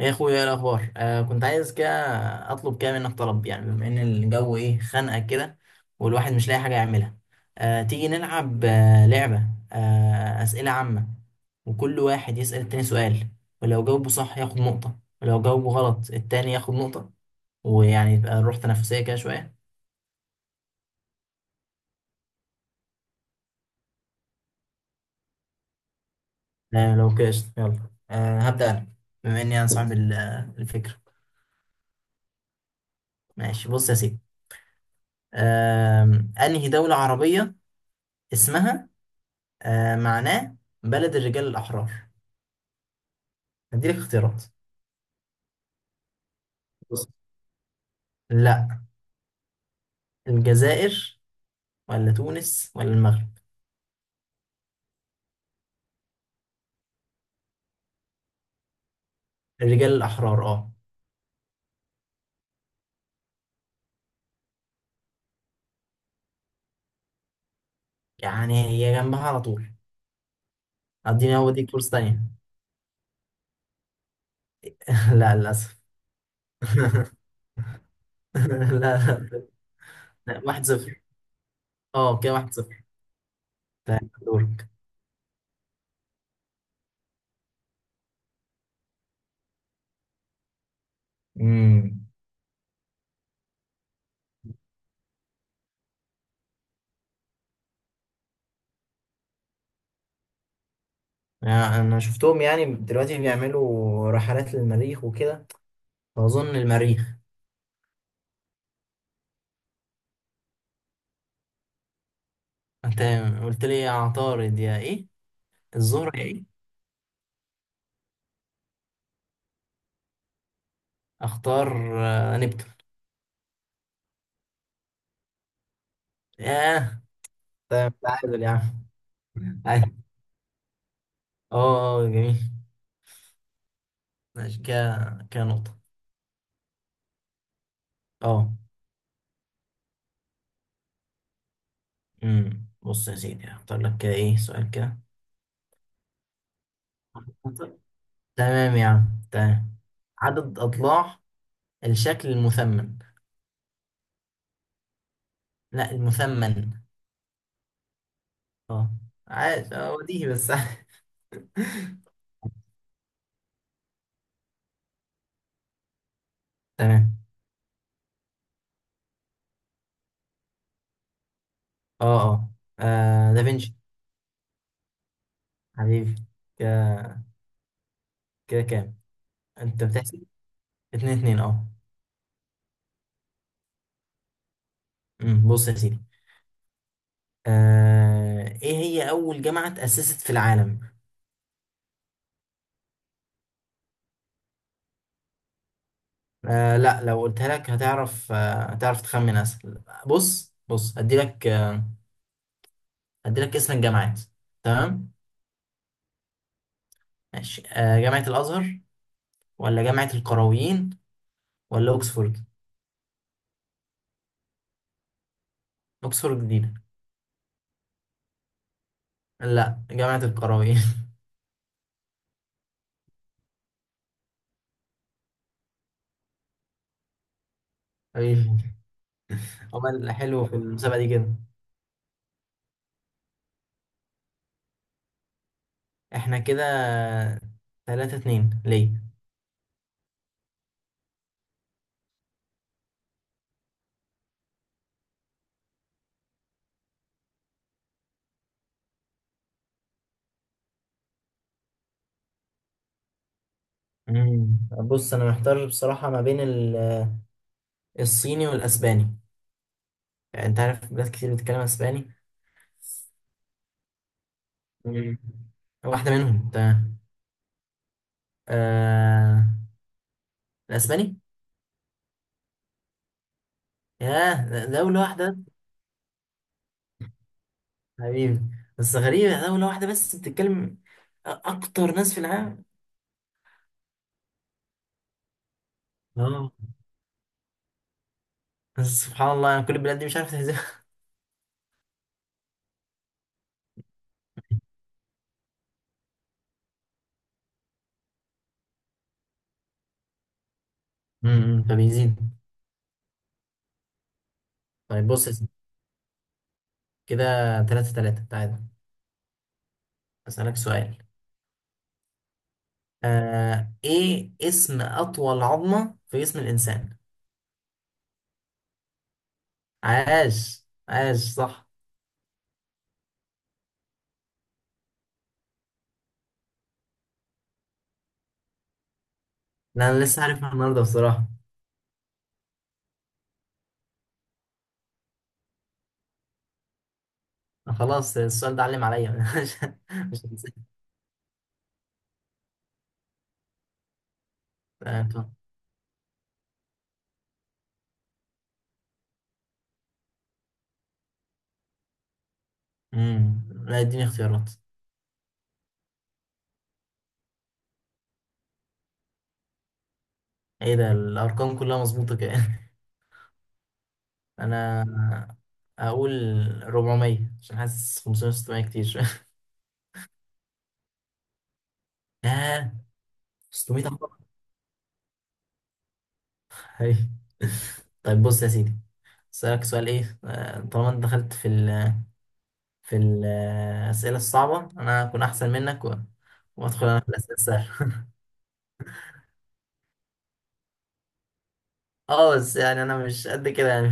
يا اخويا، ايه الاخبار؟ كنت عايز كده اطلب كده منك طلب. يعني بما ان الجو ايه خانقه كده، والواحد مش لاقي حاجه يعملها. تيجي نلعب لعبه، اسئله عامه، وكل واحد يسال التاني سؤال، ولو جاوبه صح ياخد نقطه، ولو جاوبه غلط التاني ياخد نقطه، ويعني يبقى الروح تنافسيه كده شويه. لو كده قشطة، يلا. هبدا انا، بما اني انا صاحب الفكره. ماشي، بص يا سيدي. آه انهي دوله عربيه اسمها، معناه بلد الرجال الأحرار؟ هديلك اختيارات. بص، لا. الجزائر ولا تونس ولا المغرب؟ الرجال الأحرار، اه. يعني هي جنبها على طول. اديني، هو دي فرصة تانية. لا، للأسف. لا، لا. لا. واحد صفر. اه، كده واحد صفر. طيب، دورك. امم يعني انا شفتهم يعني دلوقتي بيعملوا رحلات للمريخ وكده، فاظن المريخ. انت قلت لي يا عطارد يا ايه، الزهرة يا ايه؟ اختار. نبتون. ياه. طيب، تعادل يا عم. عادي. اه، اه، جميل. ماشي، كده كده نقطة. اه. بص يا سيدي، هختار لك كده ايه سؤال كده. تمام يا عم، تمام. عدد أضلاع الشكل المثمن؟ لا، المثمن. اه، عارف. اه، وديه بس. تمام. اه، اه. دافنشي. حبيبي. كده، كده كام؟ انت بتحسب؟ اتنين اتنين، اه. بص يا سيدي. ايه هي أول جامعة تأسست في العالم؟ لا، لو قلتها لك هتعرف، هتعرف تخمن اسهل. بص بص، هدي لك اسم الجامعات. تمام. ماشي، جامعة الازهر ولا جامعة القرويين ولا اوكسفورد؟ اوكسفورد جديدة. لا، جامعة القرويين. أيوه. هو الحلو في المسابقة دي كده. احنا كده ثلاثة اتنين، ليه. مم. بص، انا محتار بصراحة ما بين الصيني والاسباني. يعني انت عارف بلاد كتير بتتكلم اسباني. مم. واحدة منهم، تمام. آه... الأسباني. ياه، دولة واحدة. حبيبي. بس غريبة، دولة واحدة بس بتتكلم أكتر ناس في العالم، اه. بس سبحان الله، يعني كل البلاد دي مش عارف تهزمها. فبيزيد. طيب، بص يا سيدي. كده تلاتة تلاتة، تعالى. أسألك سؤال. إيه اسم أطول عظمة في جسم الإنسان؟ عاش، عاش، صح. لا، أنا لسه عارفها النهاردة بصراحة. خلاص، السؤال ده علم عليا. مش هنساه. طب. امم لا، اديني اختيارات. ايه ده، الارقام كلها مظبوطه كده؟ انا هقول 400، عشان حاسس 500 600 كتير شويه. ياه. 600 عقرب. هاي. طيب، بص يا سيدي. اسالك سؤال ايه، طالما انت دخلت في ال في الاسئله الصعبه، انا هكون احسن منك وادخل انا في الاسئله السهله. اه، بس يعني انا مش قد كده يعني.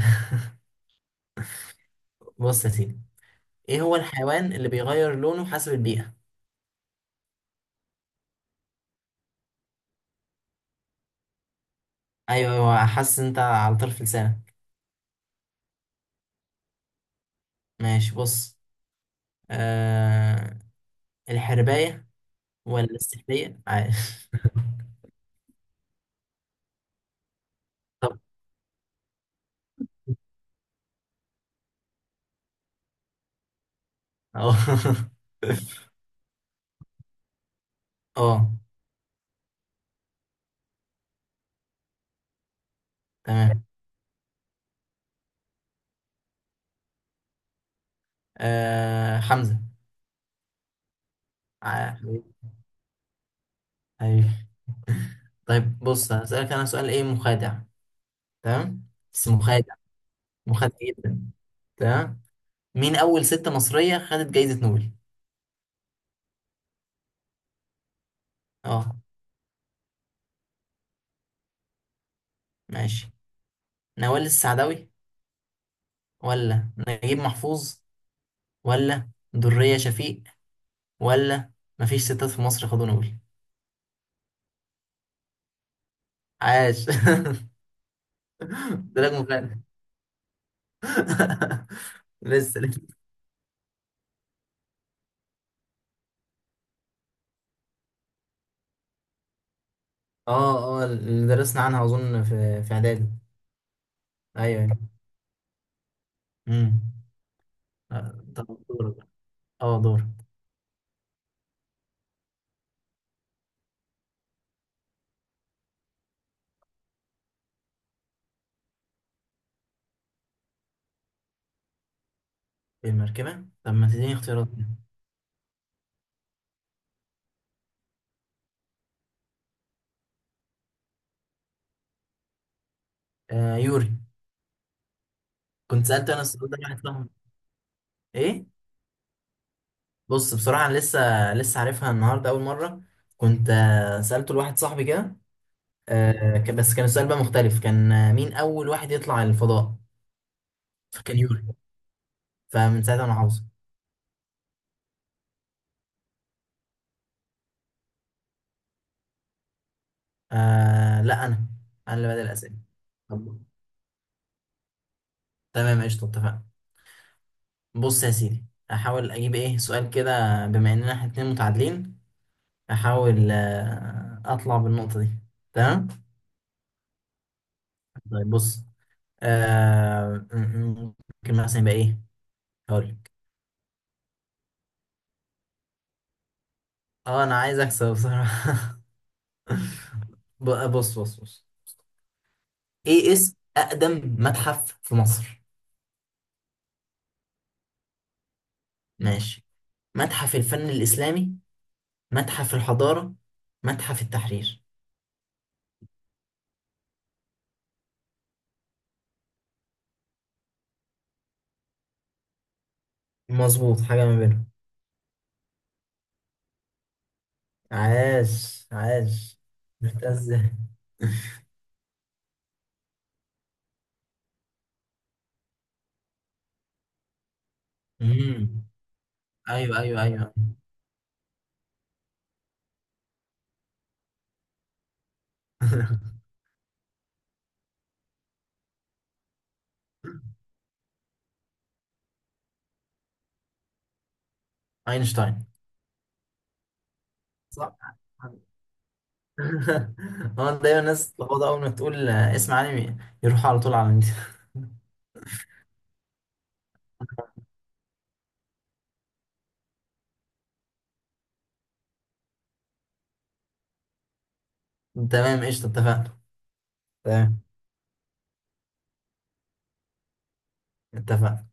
بص يا سيدي، ايه هو الحيوان اللي بيغير لونه حسب البيئه؟ ايوه، ايوه، حاسس انت على طرف لسانك. ماشي، بص. آه الحرباية ولا السحلية، عارف؟ طب، اه. اه، تمام. حمزة. حبيبي. حبيبي. طيب، بص، هسألك أنا سؤال إيه مخادع. تمام. بس مخادع، مخادع جدا. تمام. مين أول ست مصرية خدت جايزة نوبل؟ اه. ماشي. نوال السعدوي ولا نجيب محفوظ ولا درية شفيق، ولا مفيش ستات في مصر خدوا نوبل؟ عاش. ده لك مخادع. لسه، لسه. اه، اه، اللي درسنا عنها اظن في اعدادي. ايوه، ايوه. امم طب، دورك بقى. اه، دور. في المركبه؟ طب ما تديني اختيارات كده. يوري. كنت سالت انا السؤال ده واحد صاحبي. ايه؟ بص، بصراحه أنا لسه لسه عارفها النهارده اول مره. كنت سالته لواحد صاحبي كده. بس كان السؤال بقى مختلف. كان مين اول واحد يطلع الفضاء. فكان يوري، فمن ساعتها انا حافظه. لا، انا اللي بدأ الاسئله. طب، تمام، قشطه، اتفقنا. بص يا سيدي، احاول اجيب ايه سؤال كده. بما اننا احنا اتنين متعادلين، احاول اطلع بالنقطة دي. تمام. طيب، بص. آه، م- م- ممكن مثلا يبقى ايه، هقول لك. اه، انا عايز اكسب بصراحة. بص بص بص. ايه اسم اقدم متحف في مصر؟ ماشي. متحف الفن الاسلامي، متحف الحضارة، متحف التحرير. مظبوط حاجة ما بينهم. عاش، عاش. جبتها ازاي؟ امم ايوه، ايوه، ايوه. اينشتاين. صح. هو دايما الناس تلخبط، اول ما تقول اسم عالمي يروح على طول على النت. تمام، قشطه، اتفقنا. تمام، اتفقنا.